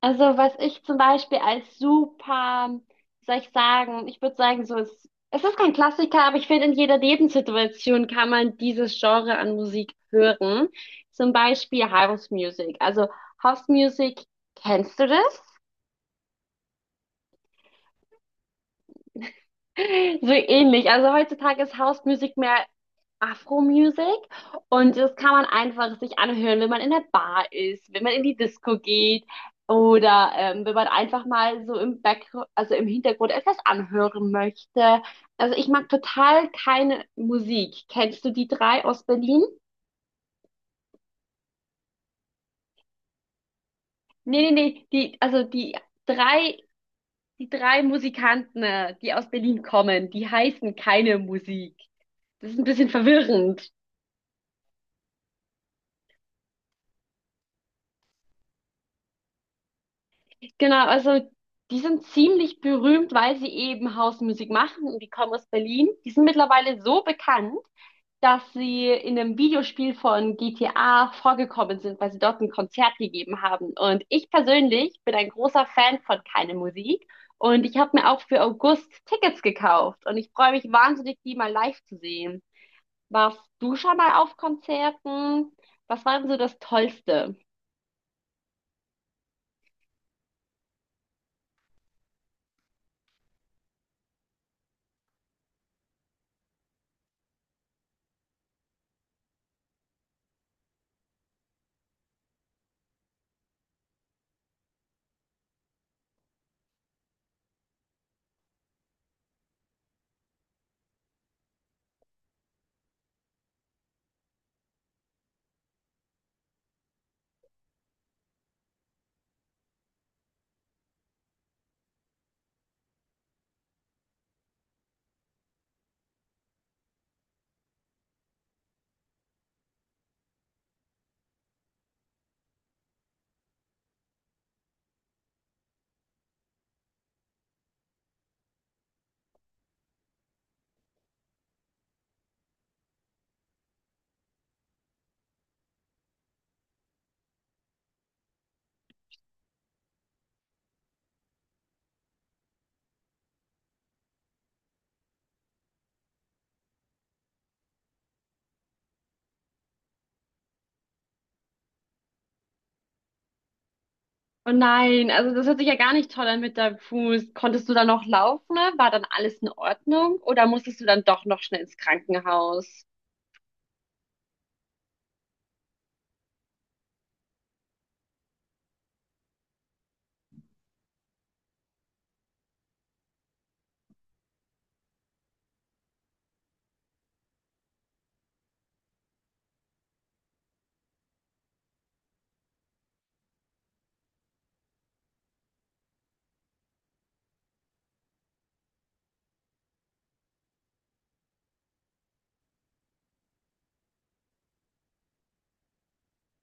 Also was ich zum Beispiel als super, wie soll ich sagen, ich würde sagen, so es ist kein Klassiker, aber ich finde, in jeder Lebenssituation kann man dieses Genre an Musik hören. Zum Beispiel House Music. Also House Music, kennst du das? So ähnlich. Also heutzutage ist House Music mehr Afro Music und das kann man einfach sich anhören, wenn man in der Bar ist, wenn man in die Disco geht oder wenn man einfach mal so im Back, also im Hintergrund etwas anhören möchte. Also ich mag total keine Musik. Kennst du die drei aus Berlin? Nee, nee, nee, die, also drei, die drei Musikanten, die aus Berlin kommen, die heißen keine Musik. Das ist ein bisschen verwirrend. Genau, also die sind ziemlich berühmt, weil sie eben Hausmusik machen und die kommen aus Berlin. Die sind mittlerweile so bekannt, dass sie in einem Videospiel von GTA vorgekommen sind, weil sie dort ein Konzert gegeben haben. Und ich persönlich bin ein großer Fan von Keine Musik und ich habe mir auch für August Tickets gekauft und ich freue mich wahnsinnig, die mal live zu sehen. Warst du schon mal auf Konzerten? Was war denn so das Tollste? Oh nein, also das hört sich ja gar nicht toll an mit deinem Fuß. Konntest du dann noch laufen, ne? War dann alles in Ordnung? Oder musstest du dann doch noch schnell ins Krankenhaus?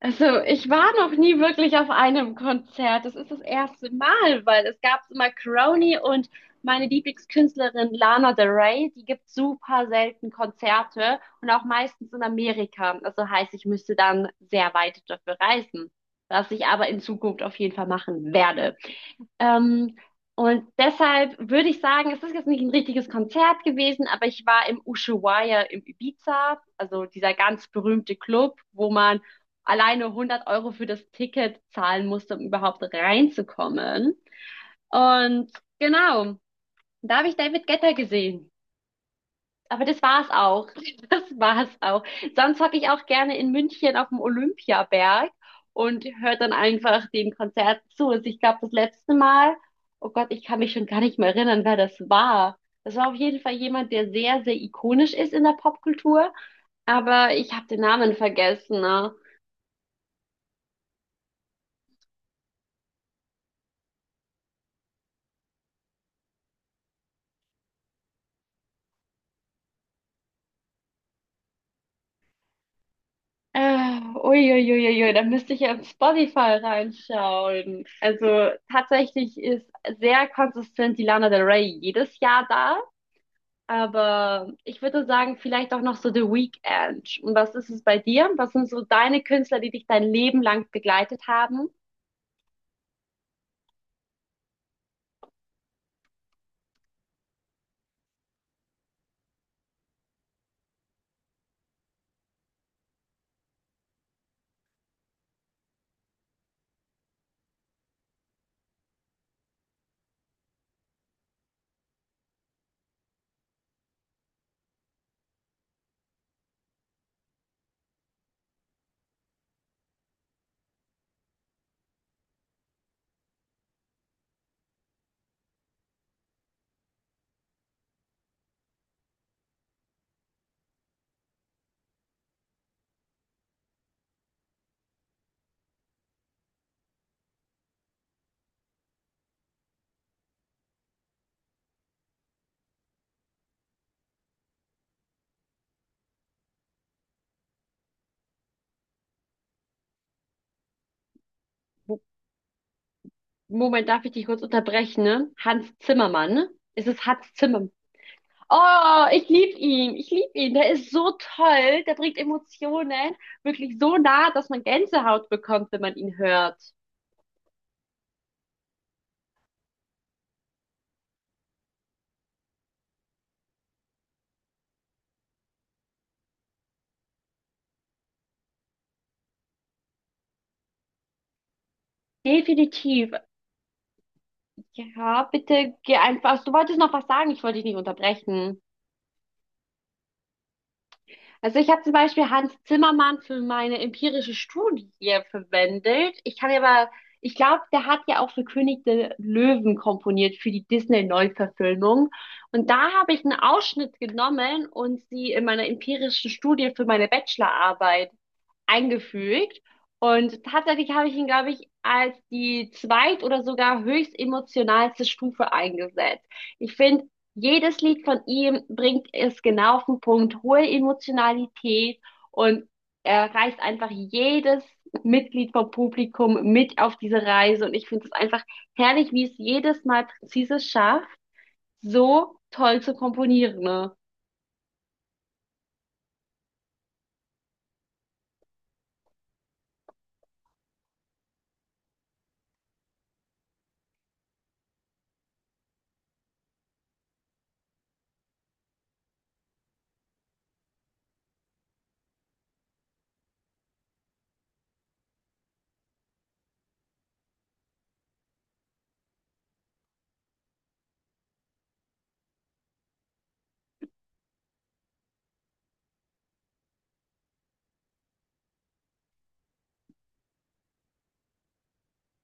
Also ich war noch nie wirklich auf einem Konzert. Das ist das erste Mal, weil es gab immer Crony und meine Lieblingskünstlerin Lana Del Rey, die gibt super selten Konzerte und auch meistens in Amerika. Also heißt, ich müsste dann sehr weit dafür reisen, was ich aber in Zukunft auf jeden Fall machen werde. Ähm, und deshalb würde ich sagen, es ist jetzt nicht ein richtiges Konzert gewesen, aber ich war im Ushuaia im Ibiza, also dieser ganz berühmte Club, wo man alleine 100 € für das Ticket zahlen musste, um überhaupt reinzukommen. Und genau, da habe ich David Guetta gesehen. Aber das war's auch. Das war's auch. Sonst hocke ich auch gerne in München auf dem Olympiaberg und höre dann einfach den Konzert zu. Also ich glaube, das letzte Mal, oh Gott, ich kann mich schon gar nicht mehr erinnern, wer das war. Das war auf jeden Fall jemand, der sehr, sehr ikonisch ist in der Popkultur, aber ich habe den Namen vergessen. Ne? Uiuiuiui, da müsste ich ja auf Spotify reinschauen. Also tatsächlich ist sehr konsistent die Lana Del Rey jedes Jahr da. Aber ich würde sagen, vielleicht auch noch so The Weeknd. Und was ist es bei dir? Was sind so deine Künstler, die dich dein Leben lang begleitet haben? Moment, darf ich dich kurz unterbrechen, ne? Hans Zimmermann. Ist es Hans Zimmermann? Oh, ich liebe ihn. Ich liebe ihn. Der ist so toll. Der bringt Emotionen wirklich so nah, dass man Gänsehaut bekommt, wenn man ihn hört. Definitiv. Ja, bitte geh einfach. Du wolltest noch was sagen. Ich wollte dich nicht unterbrechen. Also ich habe zum Beispiel Hans Zimmermann für meine empirische Studie verwendet. Ich kann aber, ich glaube, der hat ja auch für König der Löwen komponiert, für die Disney-Neuverfilmung. Und da habe ich einen Ausschnitt genommen und sie in meiner empirischen Studie für meine Bachelorarbeit eingefügt. Und tatsächlich habe ich ihn, glaube ich, als die zweit- oder sogar höchst emotionalste Stufe eingesetzt. Ich finde, jedes Lied von ihm bringt es genau auf den Punkt, hohe Emotionalität und er reißt einfach jedes Mitglied vom Publikum mit auf diese Reise. Und ich finde es einfach herrlich, wie es jedes Mal präzise schafft, so toll zu komponieren. Ne?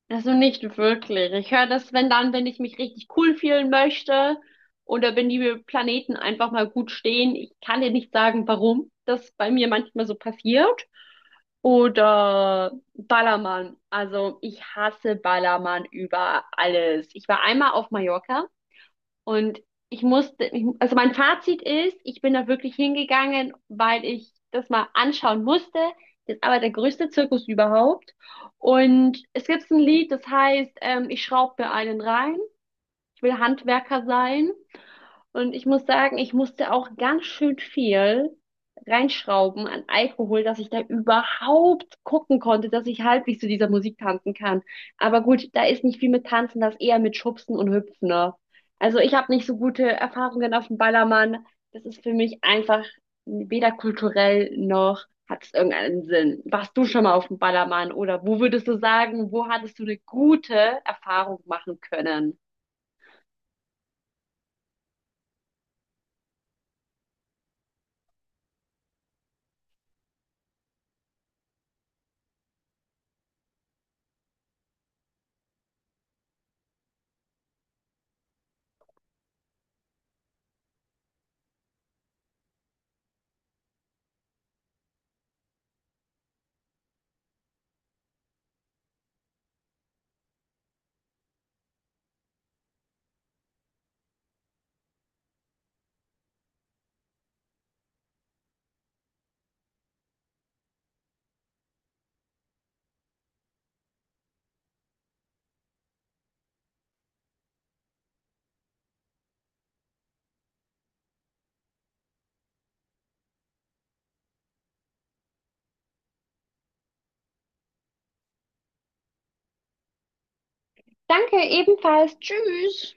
Also nicht wirklich. Ich höre das, wenn dann, wenn ich mich richtig cool fühlen möchte oder wenn die Planeten einfach mal gut stehen. Ich kann dir nicht sagen, warum das bei mir manchmal so passiert. Oder Ballermann. Also ich hasse Ballermann über alles. Ich war einmal auf Mallorca und ich musste, ich, also mein Fazit ist, ich bin da wirklich hingegangen, weil ich das mal anschauen musste. Das ist aber der größte Zirkus überhaupt. Und es gibt ein Lied, das heißt, ich schraub mir einen rein. Ich will Handwerker sein. Und ich muss sagen, ich musste auch ganz schön viel reinschrauben an Alkohol, dass ich da überhaupt gucken konnte, dass ich halbwegs zu dieser Musik tanzen kann. Aber gut, da ist nicht viel mit Tanzen, das eher mit Schubsen und Hüpfen. Ne? Also ich habe nicht so gute Erfahrungen auf dem Ballermann. Das ist für mich einfach weder kulturell noch hat es irgendeinen Sinn. Warst du schon mal auf dem Ballermann oder wo würdest du sagen, wo hattest du eine gute Erfahrung machen können? Danke, ebenfalls. Tschüss.